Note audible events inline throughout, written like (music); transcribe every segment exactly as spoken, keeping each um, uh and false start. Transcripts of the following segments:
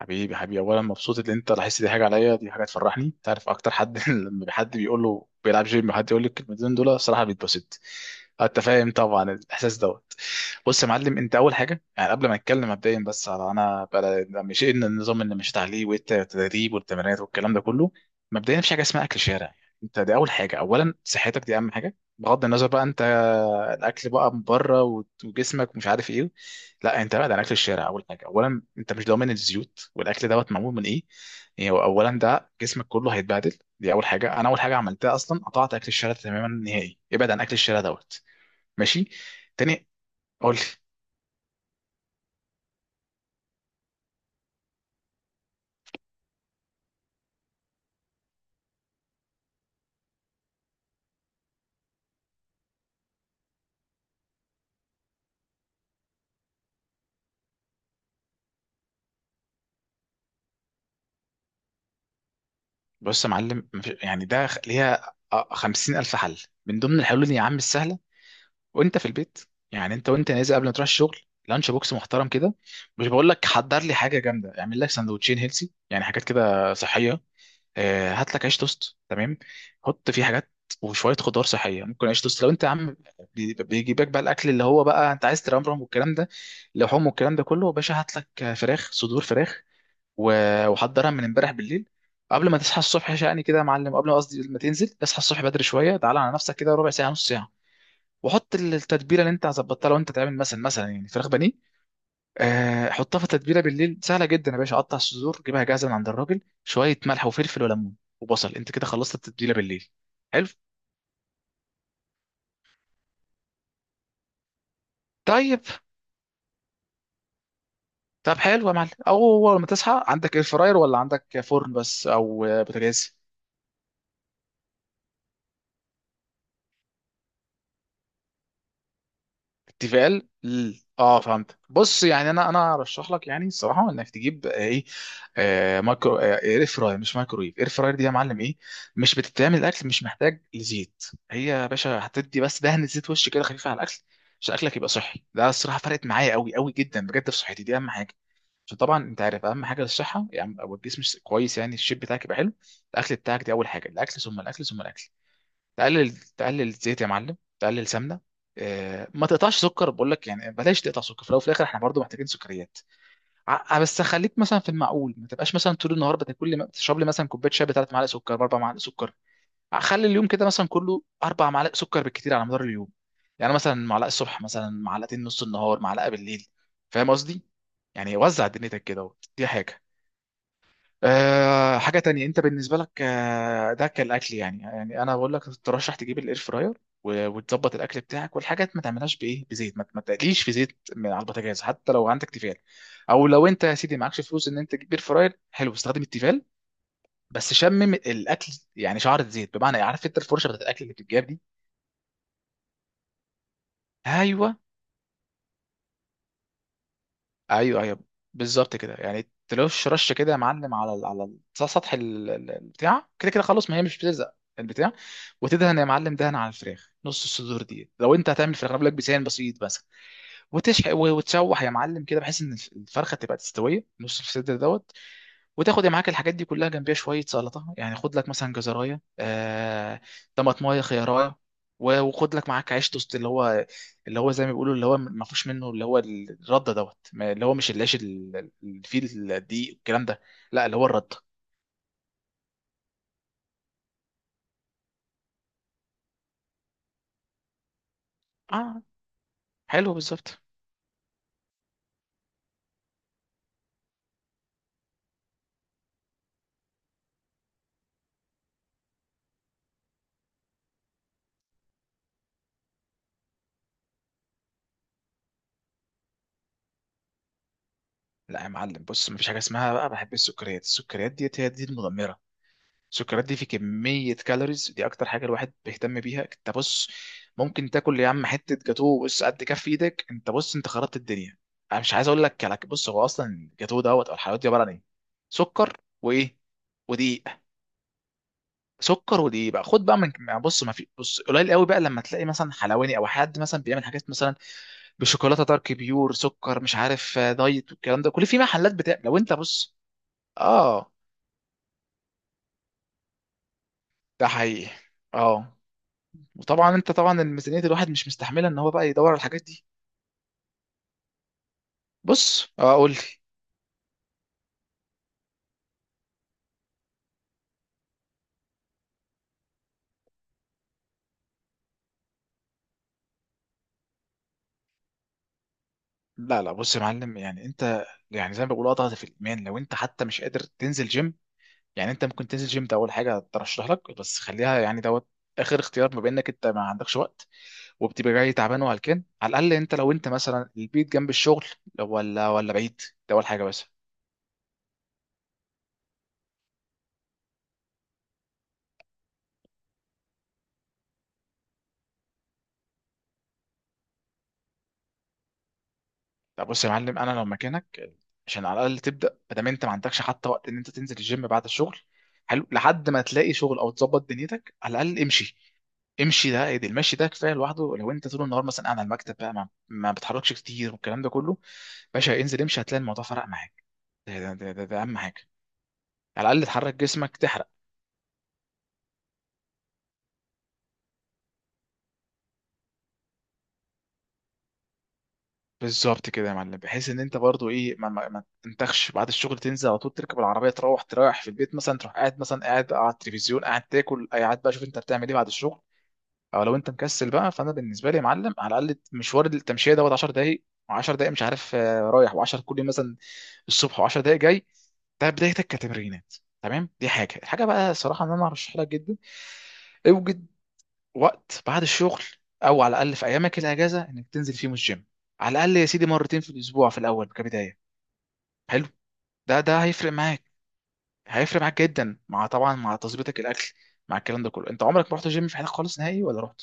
حبيبي حبيبي، اولا مبسوط ان انت لاحظت. دي حاجه عليا، دي حاجه تفرحني. انت عارف اكتر حد (laughs) لما حد بيقول له بيلعب جيم وحد يقول لك الكلمتين دول، الصراحه بيتبسط. انت فاهم طبعا الاحساس دوت. بص يا معلم، انت اول حاجه يعني قبل ما نتكلم مبدئيا، بس على انا بقى مش ان النظام اللي مشيت عليه والتدريب والتمرينات والكلام ده كله. مبدئيا مفيش حاجه اسمها اكل شارع. انت دي اول حاجه، اولا صحتك دي اهم حاجه بغض النظر بقى انت. الاكل بقى من بره وت- وجسمك مش عارف ايه. لا، انت بعد عن اكل الشارع اول حاجه. اولا انت مش ضامن الزيوت والاكل دوت معمول من ايه. يعني هو اولا ده جسمك كله هيتبهدل، دي اول حاجه. انا اول حاجه عملتها اصلا قطعت اكل الشارع تماما نهائي. ابعد عن اكل الشارع دوت. ماشي. تاني. قول لي. بص يا معلم، مفيش- يعني ده خ- ليها آه، خمسين الف حل. من ضمن الحلول دي يا عم السهله، وانت في البيت. يعني انت وانت نازل قبل ما تروح الشغل، لانش بوكس محترم كده. مش بقول لك حضر لي حاجه جامده، اعمل لك سندوتشين هيلسي يعني حاجات كده صحيه. آه، هات لك عيش توست تمام، حط فيه حاجات وشويه خضار صحيه. ممكن عيش توست لو انت يا عم بي- بيجيبك بقى الاكل اللي هو بقى انت عايز ترمرم والكلام ده، لحوم والكلام ده كله. يا باشا هات لك فراخ، صدور فراخ، و- وحضرها من امبارح بالليل. قبل ما تصحى الصبح شقني كده يا معلم، قبل ما قصدي ما تنزل، اصحى الصبح بدري شويه، تعالى على نفسك كده ربع ساعه نص ساعه. وحط التتبيله اللي انت ظبطتها. لو انت تعمل مثلا مثلا يعني فراخ بانيه، آه، حطها في تتبيله بالليل. سهله جدا يا باشا، قطع الصدور جيبها جاهزه من عند الراجل، شويه ملح وفلفل وليمون وبصل، انت كده خلصت التتبيله بالليل. حلو. طيب. طب حلو يا معلم. او اول ما تصحى، عندك اير فراير ولا عندك فرن بس، او آه، بوتاجاز؟ تيفال ال- اه، فهمت. بص، يعني انا انا ارشح لك يعني الصراحه انك تجيب آه، ايه، آه مايكرو، آه اير فراير، مش مايكرويف، اير فراير دي يا معلم، ايه، مش بتتعمل الاكل مش محتاج لزيت. هي يا باشا هتدي بس دهن زيت وش كده خفيف على الاكل عشان اكلك يبقى صحي. ده الصراحه فرقت معايا قوي قوي جدا بجد في صحتي، دي اهم حاجه. عشان طبعا انت عارف اهم حاجه للصحه يعني، او الجسم كويس يعني، الشيب بتاعك يبقى حلو، الاكل بتاعك، دي اول حاجه. الاكل ثم الاكل ثم الاكل. تقلل، تقلل زيت يا معلم، تقلل سمنه. آه، ما تقطعش سكر، بقول لك يعني بلاش تقطع سكر، في الاول وفي الاخر احنا برضو محتاجين سكريات. ع- بس خليك مثلا في المعقول، ما تبقاش مثلا طول النهار بتاكل لي تشرب لي مثلا كوبايه شاي بثلاث معالق سكر باربع معالق سكر. خلي اليوم كده مثلا كله اربع معالق سكر بالكتير على مدار اليوم. يعني مثلا معلقه الصبح، مثلا معلقتين نص النهار، معلقه بالليل. فاهم قصدي؟ يعني وزع دنيتك كده. دي حاجه. أه، حاجة تانية انت بالنسبة لك آه، ده كالأكل. يعني يعني انا بقول لك ترشح تجيب الاير فراير و- وتظبط الاكل بتاعك والحاجات. ما تعملهاش بايه، بزيت، ما ما تقليش في زيت من على البوتاجاز حتى لو عندك تيفال. او لو انت يا سيدي معكش فلوس ان انت تجيب اير فراير حلو، استخدم التيفال، بس شمم الاكل يعني شعرة زيت. بمعنى إيه؟ عارف انت الفرشة بتاعت الاكل اللي بتتجاب دي؟ ايوه. ايوه ايوه، بالظبط كده. يعني تلوش رش كده يا معلم على ال- على ال- سطح ال- ال- البتاع كده كده. خلاص، ما هي مش بتلزق البتاع. وتدهن يا معلم دهن على الفراخ، نص الصدور دي لو انت هتعمل فراخ، أنا بقول لك بسان بسيط بس. وتشح و- وتشوح يا معلم كده بحيث ان الفرخه تبقى تستويه، نص الصدر دوت. وتاخد معاك الحاجات دي كلها، جنبيها شويه سلطه يعني، خد لك مثلا جزرايه آه، طماطمايه، خيارايه، و- وخد لك معاك عيش توست. اللي هو اللي هو زي ما بيقولوا اللي هو ما فيهوش منه، اللي هو الرده دوت، ما- اللي هو مش العيش ال- اللي فيه الدقيق والكلام ده. لا، اللي هو الرده. اه، حلو بالظبط. لا يا معلم، بص، مفيش حاجه اسمها بقى بحب السكريات، السكريات ديت هي دي المدمره. السكريات دي في كمية كالوريز، دي أكتر حاجة الواحد بيهتم بيها. أنت بص، ممكن تاكل يا عم حتة جاتوه بص قد كف إيدك. أنت بص، أنت خربت الدنيا. أنا مش عايز أقول لك. على بص، هو أصلا الجاتوه دوت أو الحلويات دي عبارة عن إيه؟ سكر وإيه؟ ودقيق. سكر ودقيق. بقى خد بقى من، يعني بص ما في بص قليل قوي بقى لما تلاقي مثلا حلواني او حد مثلا بيعمل حاجات مثلا بشوكولاته دارك بيور سكر مش عارف آه، دايت والكلام ده، كل في محلات بتاع لو انت بص. اه، ده حقيقي. اه، وطبعا انت طبعا الميزانيه الواحد مش مستحمله ان هو بقى يدور على الحاجات دي. بص، اه قول لي. لا لا، بص يا معلم، يعني انت يعني زي ما بقول اضغط في الايمان. لو انت حتى مش قادر تنزل جيم يعني، انت ممكن تنزل جيم ده اول حاجه ترشح لك، بس خليها يعني دوت اخر اختيار، بما انك انت ما عندكش وقت وبتبقى جاي تعبان وهلكان. على الاقل انت، لو انت مثلا البيت جنب الشغل ولا ولا بعيد، ده اول حاجه بس. لا، بص يا معلم انا لو مكانك، عشان على الاقل تبدا ادام انت ما عندكش حتى وقت ان انت تنزل الجيم بعد الشغل، حلو، لحد ما تلاقي شغل او تظبط دنيتك، على الاقل امشي. امشي ده ايه، ده المشي ده كفايه لوحده. لو انت طول النهار مثلا قاعد على المكتب بقى ما, ما بتحركش كتير والكلام ده كله، باشا انزل امشي، هتلاقي الموضوع فرق معاك. ده ده ده, ده, ده اهم حاجه، على الاقل تحرك جسمك، تحرك. بالظبط كده يا معلم، بحيث ان انت برضو ايه ما, ما, ما تنتخش بعد الشغل، تنزل على طول تركب العربيه تروح تريح في البيت، مثلا تروح قاعد، مثلا قاعد على التلفزيون، قاعد تاكل، أي قاعد بقى شوف انت بتعمل ايه بعد الشغل. او لو انت مكسل بقى، فانا بالنسبه لي يا معلم على الاقل مشوار التمشيه دوت عشر دقائق وعشر دقائق، مش عارف آه، رايح و10 كل يوم مثلا الصبح، وعشر دقائق جاي. ده بدايتك كتمرينات، تمام. دي حاجه. الحاجه بقى الصراحه ان انا ارشح لك جدا، اوجد وقت بعد الشغل، او على الاقل في ايامك الاجازه انك تنزل فيهم الجيم، على الاقل يا سيدي مرتين في الاسبوع في الاول كبدايه. حلو. ده ده هيفرق معاك، هيفرق معاك جدا، مع طبعا مع تظبيطك الاكل، مع الكلام ده كله. انت عمرك ما رحت جيم في حياتك خالص نهائي ولا رحت؟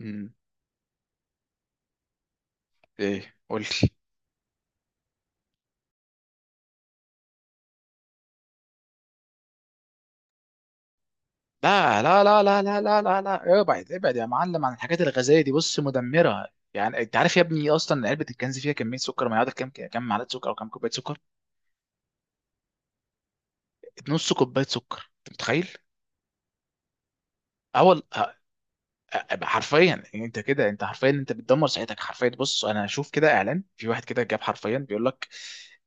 امم. ايه قول لي. لا لا لا لا لا لا لا لا، ابعد ابعد يا معلم عن الحاجات الغازيه دي، بص، مدمره. يعني انت عارف يا ابني اصلا علبه الكنز فيها كميه سكر ما يعادل كام، كام معلقه سكر او كام كوبايه سكر؟ نص كوبايه سكر، انت متخيل؟ اول، حرفيا، يعني انت كده انت حرفيا انت بتدمر صحتك حرفيا. بص، انا اشوف كده اعلان في واحد كده جاب حرفيا بيقول لك،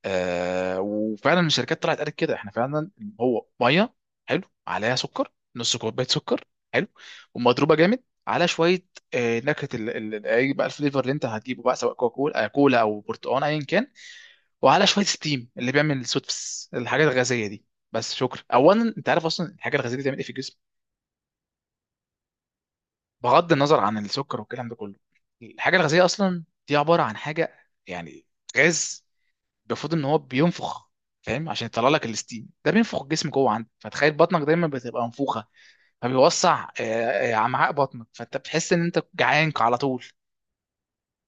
آه وفعلا الشركات طلعت قالت كده، احنا فعلا هو ميه حلو عليها سكر، نص كوبايه سكر حلو، ومضروبه جامد على شويه آه نكهه ال- ال- ال- اي بقى الفليفر اللي انت هتجيبه بقى، سواء كوكا كولا آه، كولا او برتقال، ايا كان. وعلى شويه ستيم اللي بيعمل السوتفس الحاجات الغازيه دي. بس شكرا. اولا، انت عارف اصلا الحاجه الغازيه دي بتعمل ايه في الجسم، بغض النظر عن السكر والكلام ده كله؟ الحاجه الغازيه اصلا دي عباره عن حاجه يعني غاز، المفروض ان هو بينفخ، فاهم؟ عشان يطلع لك الستيم، ده بينفخ الجسم جوه عندك، فتخيل بطنك دايما بتبقى منفوخه، فبيوسع آه، آه، امعاء بطنك، فانت بتحس ان انت جعان على طول.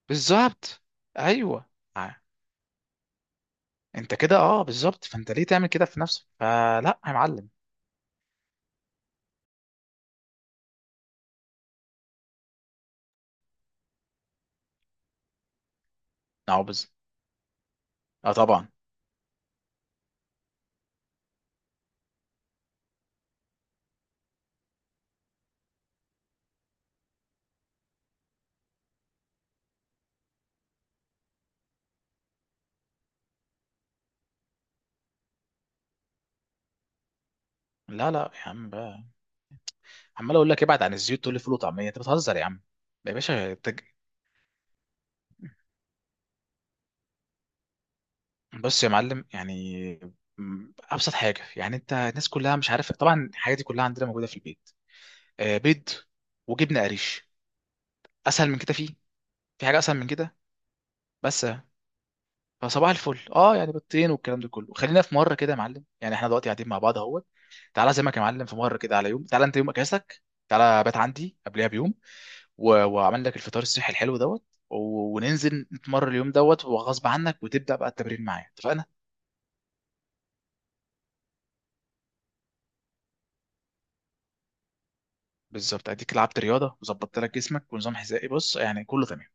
بالظبط. ايوه. آه. انت كده اه بالظبط، فانت ليه تعمل كده في نفسك؟ فلا يا معلم. اه بز. اه طبعا. لا لا يا عم بقى، عمال اقول لك ابعد عن الزيوت تقول لي فول وطعميه، انت بتهزر يا عم. يا باشا انت، بص يا معلم يعني، م- ابسط حاجه يعني. انت الناس كلها مش عارف طبعا الحاجات دي كلها عندنا موجوده في البيت: آه بيض وجبنه قريش. اسهل من كده فيه؟ في حاجه اسهل من كده؟ بس. فصباح الفل اه، يعني بيضتين والكلام ده كله. خلينا في مره كده يا معلم، يعني احنا دلوقتي قاعدين مع بعض اهوت، تعالى زي ما يا معلم في مره كده على يوم، تعالى انت يوم اجازتك، تعالى بات عندي قبلها بيوم، و... واعمل لك الفطار الصحي الحلو دوت، و... وننزل نتمرن اليوم دوت وغصب عنك، وتبدا بقى التمرين معايا، اتفقنا؟ بالظبط، اديك لعبت رياضه وظبطت لك جسمك ونظام غذائي، بص يعني كله تمام.